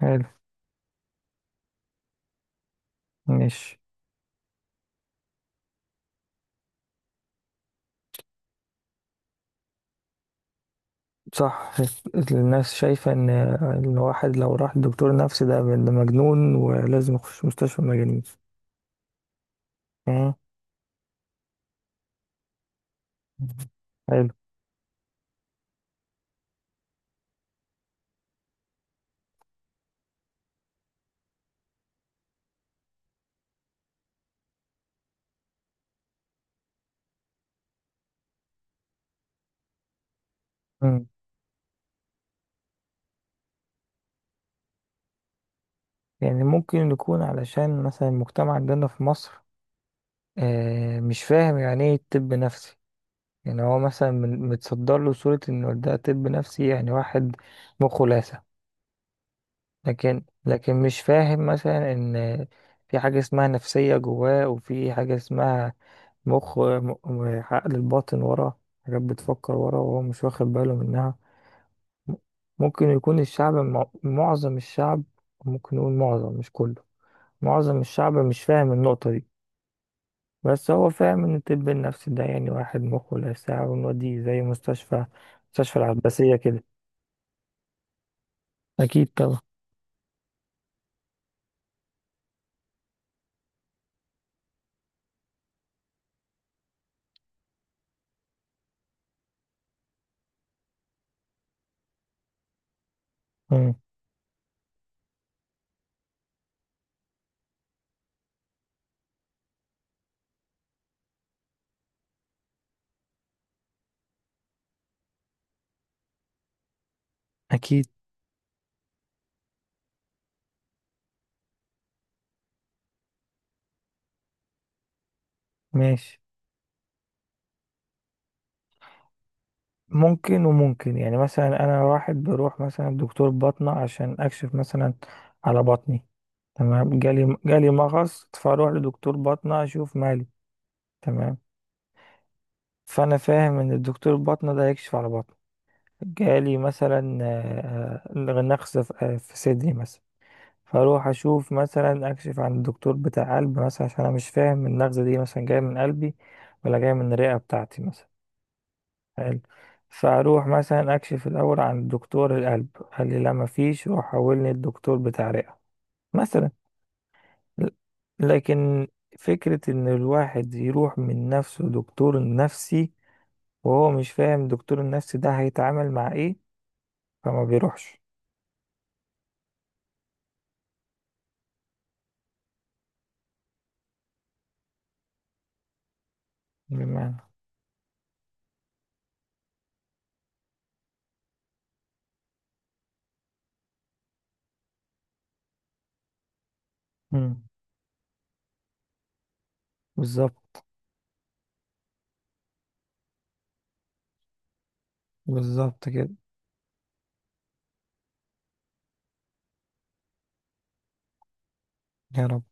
حلو. مش. صح. الناس شايفة إن الواحد لو راح لدكتور نفسي ده مجنون ولازم يخش مستشفى مجانين. مم. حلو. مم. يعني ممكن يكون علشان مثلا المجتمع عندنا في مصر، مش فاهم يعني ايه طب نفسي. يعني هو مثلا متصدر له صورة إنه ده طب نفسي، يعني واحد مخه لاسع. لكن مش فاهم مثلا ان في حاجة اسمها نفسية جواه، وفي حاجة اسمها عقل الباطن، ورا حاجات بتفكر ورا وهو مش واخد باله منها. م- ممكن يكون الشعب، معظم الشعب، ممكن نقول معظم مش كله، معظم الشعب مش فاهم النقطة دي. بس هو فاهم ان الطب النفسي ده يعني واحد مخه لا ساعة، ونوديه زي مستشفى العباسية كده. أكيد طبعا. مم. أكيد. ماشي. ممكن وممكن، يعني مثلا انا واحد بروح مثلا دكتور بطنه عشان اكشف مثلا على بطني. تمام. جالي مغص فاروح لدكتور بطنه اشوف مالي. تمام. فانا فاهم ان الدكتور بطنه ده هيكشف على بطني. جالي مثلا، نقص في في صدري مثلا، فاروح اشوف مثلا اكشف عن الدكتور بتاع قلب مثلا، عشان انا مش فاهم النغزه دي مثلا جايه من قلبي ولا جايه من الرئه بتاعتي مثلا. حلو. فاروح مثلا اكشف الاول عن دكتور القلب، قال لي لا مفيش، روح حولني الدكتور بتاع رئة مثلا. ل- لكن فكرة ان الواحد يروح من نفسه دكتور نفسي وهو مش فاهم دكتور النفسي ده هيتعامل مع ايه، فما بيروحش. بمعنى. مم. بالظبط. بالظبط كده. يا رب.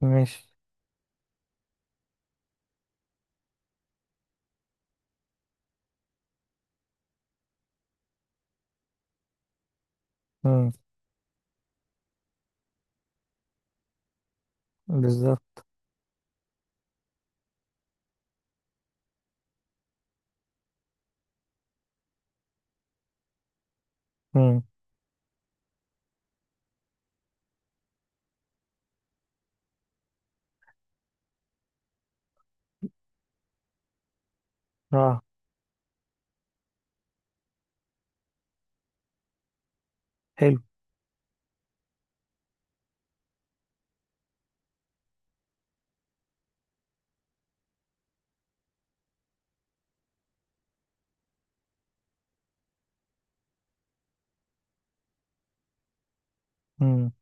ماشي. مم. بالظبط. مم. اه. حلو. مم.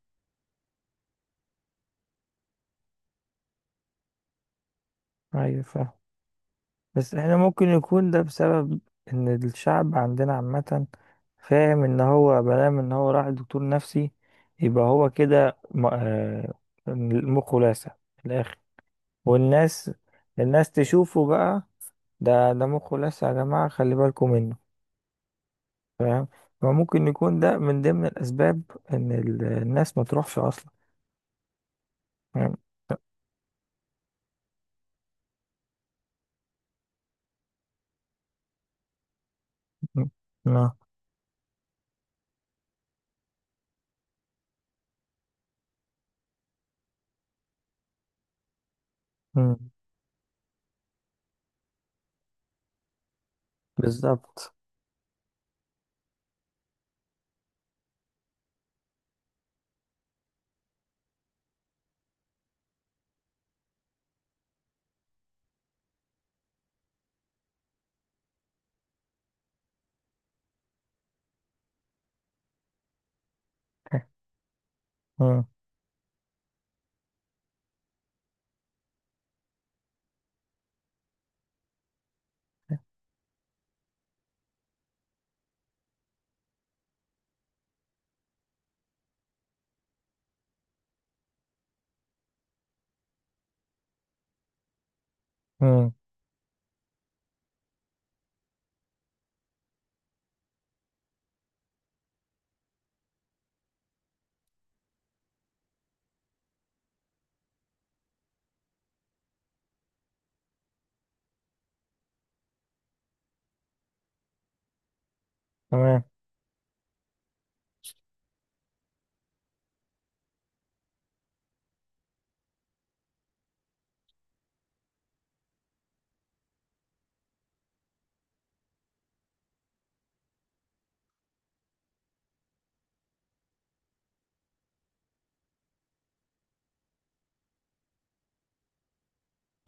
ايوه فاهم. بس احنا ممكن يكون ده بسبب ان الشعب عندنا عامة فاهم ان هو بلام ان هو راح دكتور نفسي، يبقى هو كده مخه لاسع في الاخر. والناس الناس تشوفه بقى، ده مخه لاسع يا جماعة خلي بالكم منه. فاهم. فممكن يكون ده من ضمن الاسباب ان الناس ما تروحش اصلا. فاهم. آه، آه، بالظبط. مم. مم. تمام.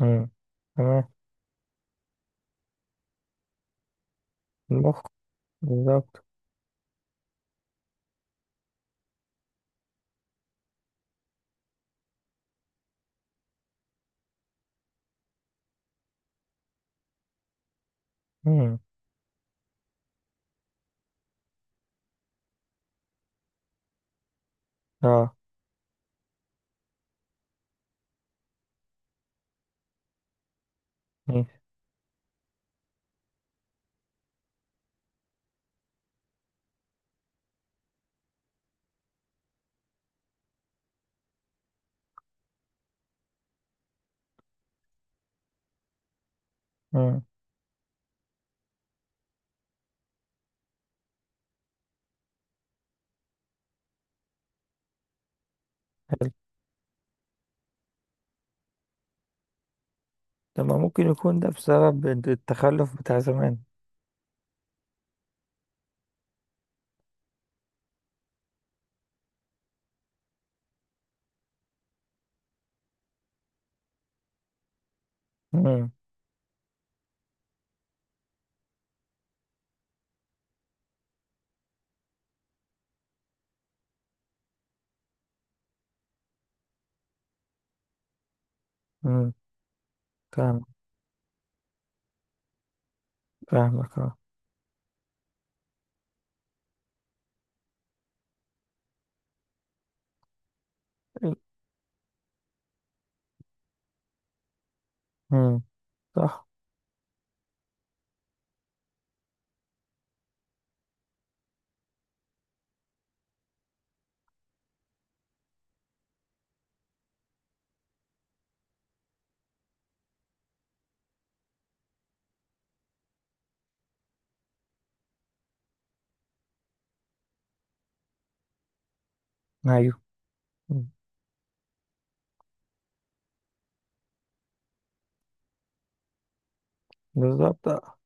مم. تمام. المخ. بالظبط. مم. اه. ماشي. مم. طب ما ممكن يكون ده بسبب التخلف بتاع زمان. مم. مم. فاهم. فاهمك اه. مم. صح. ايوه. مم. بالظبط آه.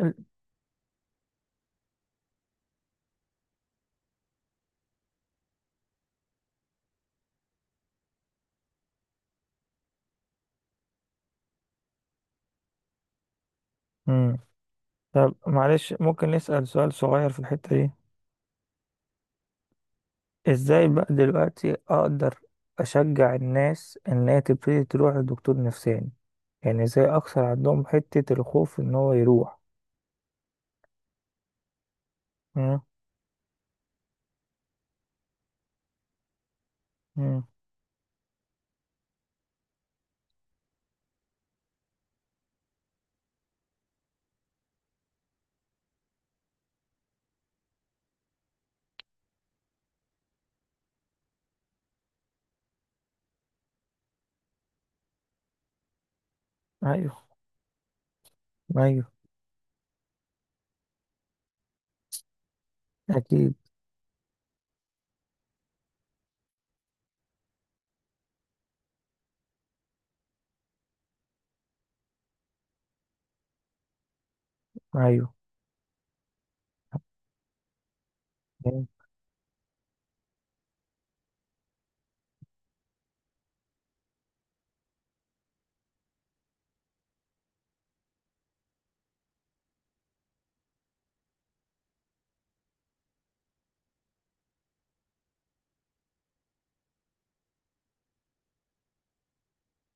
ال- مم. طب معلش ممكن نسأل سؤال صغير في الحتة دي؟ ازاي بقى دلوقتي اقدر اشجع الناس ان هي تبتدي تروح لدكتور نفساني؟ يعني ازاي اكسر عندهم حتة الخوف ان هو يروح؟ مم. مم. ايوه. ايوه. اكيد. ايوه.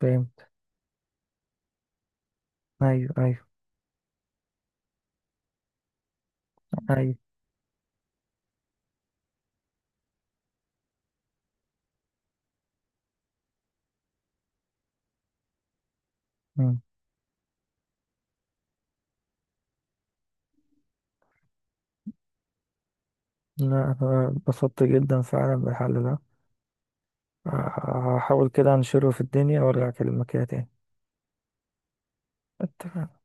فهمت. أيوه، أيوه، أيوه. مم. لا، أنا اتبسطت جدا فعلا بالحل ده. هحاول كده أنشره في الدنيا وأرجع أكلمك كده تاني. اتفقنا.